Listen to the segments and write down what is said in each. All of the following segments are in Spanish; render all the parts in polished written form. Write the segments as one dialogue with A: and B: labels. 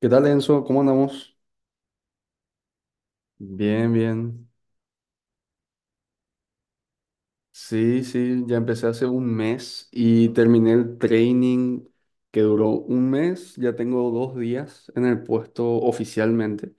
A: ¿Qué tal, Enzo? ¿Cómo andamos? Bien, bien. Sí, sí, ya empecé hace un mes y terminé el training que duró un mes. Ya tengo 2 días en el puesto oficialmente.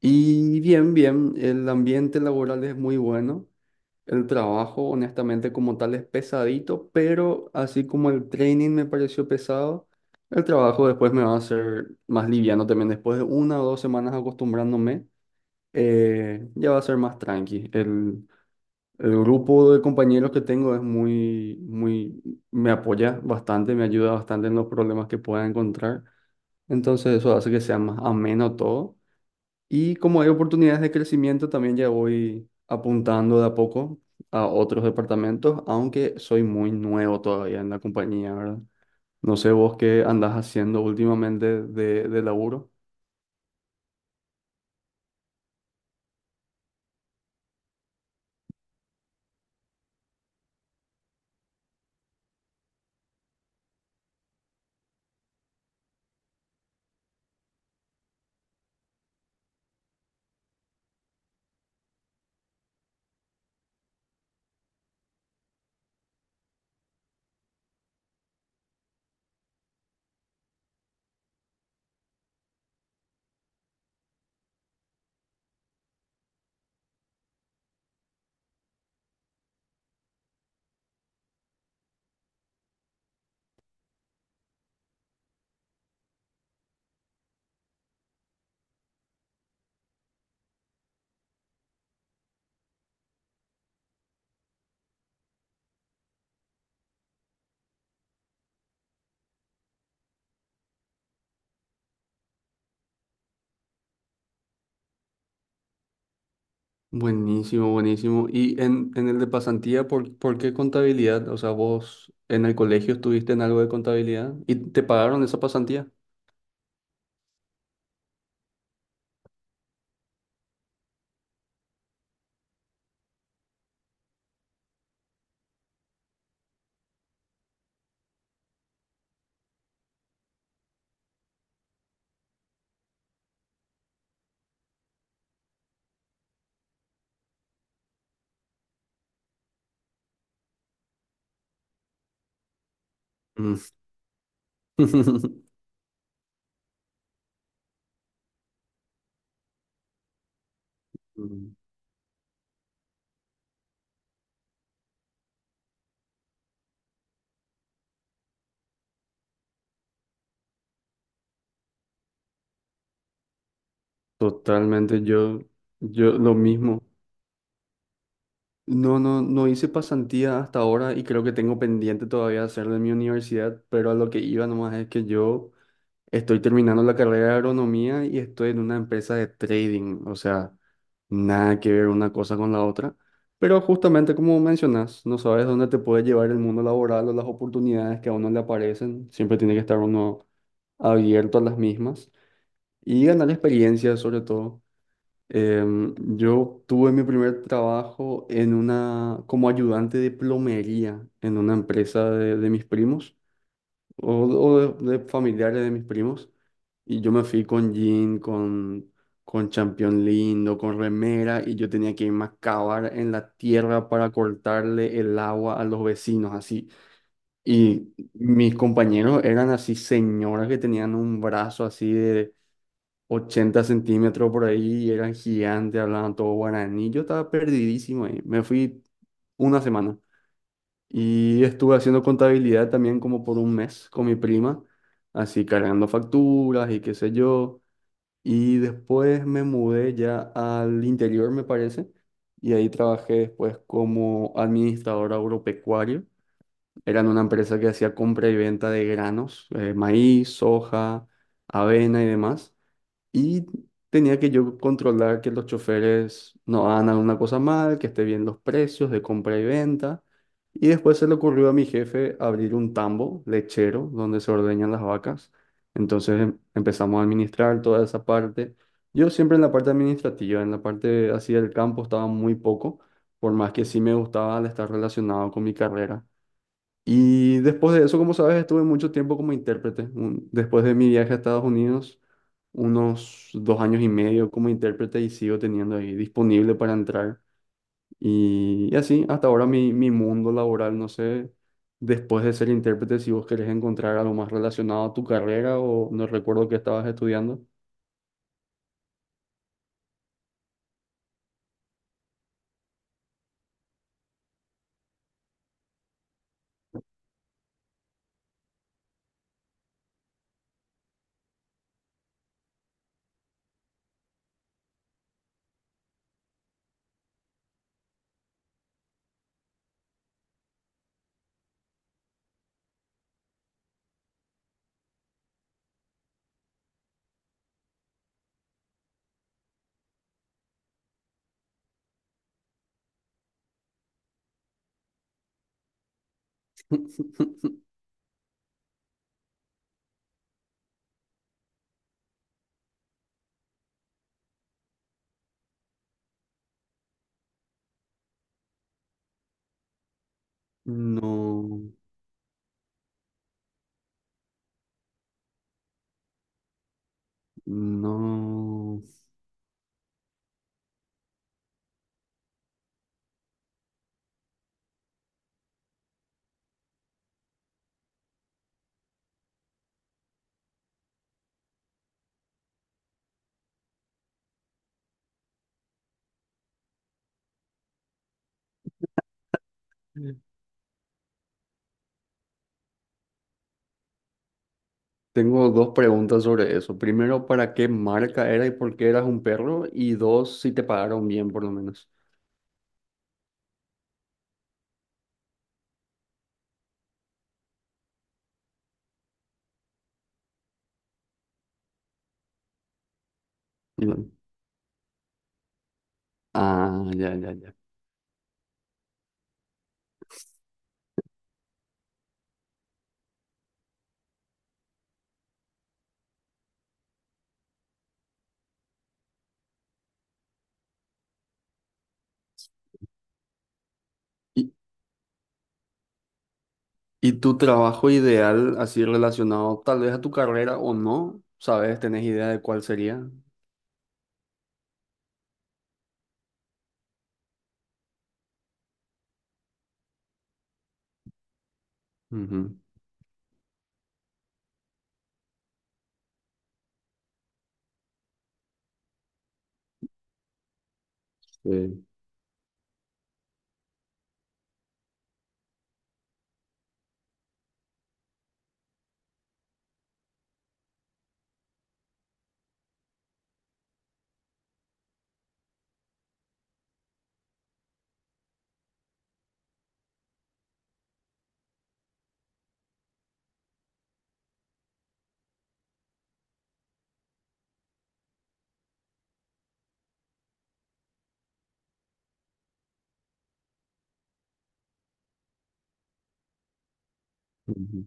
A: Y bien, bien, el ambiente laboral es muy bueno. El trabajo, honestamente, como tal, es pesadito, pero así como el training me pareció pesado, el trabajo después me va a hacer más liviano también. Después de una o dos semanas acostumbrándome. Ya va a ser más tranqui. El grupo de compañeros que tengo es me apoya bastante, me ayuda bastante en los problemas que pueda encontrar. Entonces eso hace que sea más ameno todo. Y como hay oportunidades de crecimiento, también ya voy apuntando de a poco a otros departamentos, aunque soy muy nuevo todavía en la compañía, ¿verdad? No sé vos qué andás haciendo últimamente de laburo. Buenísimo, buenísimo. Y en el de pasantía, ¿por qué contabilidad? O sea, vos en el colegio estuviste en algo de contabilidad y te pagaron esa pasantía. Mm. Mm. Totalmente, yo lo mismo. No, no, no hice pasantía hasta ahora y creo que tengo pendiente todavía hacer de mi universidad, pero a lo que iba nomás es que yo estoy terminando la carrera de agronomía y estoy en una empresa de trading, o sea, nada que ver una cosa con la otra. Pero justamente como mencionas, no sabes dónde te puede llevar el mundo laboral o las oportunidades que a uno le aparecen. Siempre tiene que estar uno abierto a las mismas y ganar experiencia sobre todo. Yo tuve mi primer trabajo en una, como ayudante de plomería en una empresa de mis primos o, o de familiares de mis primos. Y yo me fui con jean, con champión lindo, con remera, y yo tenía que irme a cavar en la tierra para cortarle el agua a los vecinos, así. Y mis compañeros eran así señoras que tenían un brazo así de 80 centímetros por ahí, y eran gigantes, hablaban todo guaraní. Yo estaba perdidísimo ahí. Me fui una semana. Y estuve haciendo contabilidad también como por un mes con mi prima, así cargando facturas y qué sé yo. Y después me mudé ya al interior, me parece, y ahí trabajé después como administrador agropecuario. Eran una empresa que hacía compra y venta de granos, maíz, soja, avena y demás. Y tenía que yo controlar que los choferes no hagan alguna cosa mal, que esté bien los precios de compra y venta. Y después se le ocurrió a mi jefe abrir un tambo lechero donde se ordeñan las vacas. Entonces empezamos a administrar toda esa parte. Yo siempre en la parte administrativa, en la parte así del campo estaba muy poco, por más que sí me gustaba al estar relacionado con mi carrera. Y después de eso, como sabes, estuve mucho tiempo como intérprete. Después de mi viaje a Estados Unidos, unos 2 años y medio como intérprete y sigo teniendo ahí disponible para entrar. Y así, hasta ahora mi mundo laboral, no sé, después de ser intérprete, si vos querés encontrar algo más relacionado a tu carrera o no recuerdo qué estabas estudiando. No, no. Tengo dos preguntas sobre eso. Primero, ¿para qué marca era y por qué eras un perro? Y dos, si te pagaron bien, por lo menos. Y bueno, ah, ya, ya, ya. ¿Y, y tu trabajo ideal, así relacionado tal vez a tu carrera o no? ¿Sabes? ¿Tenés idea de cuál sería? Ujú, sí, ujú,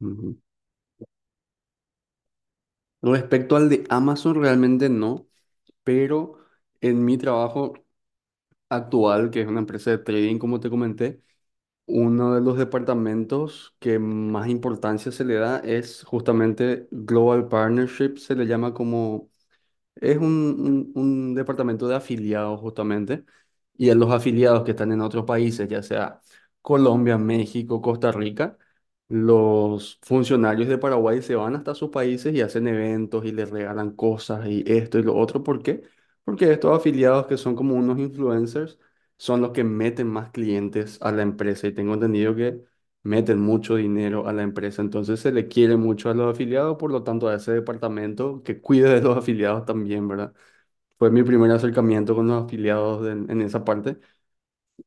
A: ujú. Respecto al de Amazon, realmente no, pero en mi trabajo actual, que es una empresa de trading, como te comenté, uno de los departamentos que más importancia se le da es justamente Global Partnership, se le llama como es un departamento de afiliados justamente, y a los afiliados que están en otros países, ya sea Colombia, México, Costa Rica, los funcionarios de Paraguay se van hasta sus países y hacen eventos y les regalan cosas y esto y lo otro. ¿Por qué? Porque estos afiliados que son como unos influencers son los que meten más clientes a la empresa y tengo entendido que meten mucho dinero a la empresa, entonces se le quiere mucho a los afiliados, por lo tanto a ese departamento que cuide de los afiliados también, ¿verdad? Fue mi primer acercamiento con los afiliados en esa parte.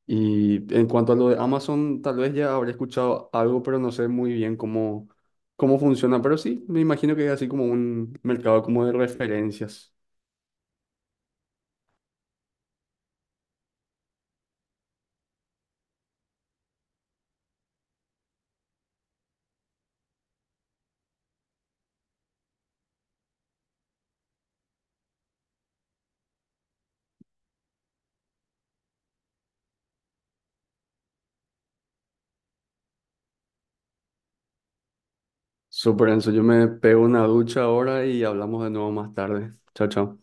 A: Y en cuanto a lo de Amazon, tal vez ya habré escuchado algo, pero no sé muy bien cómo, cómo funciona. Pero sí, me imagino que es así como un mercado como de referencias. Súper, Enzo, yo me pego una ducha ahora y hablamos de nuevo más tarde. Chao, chao.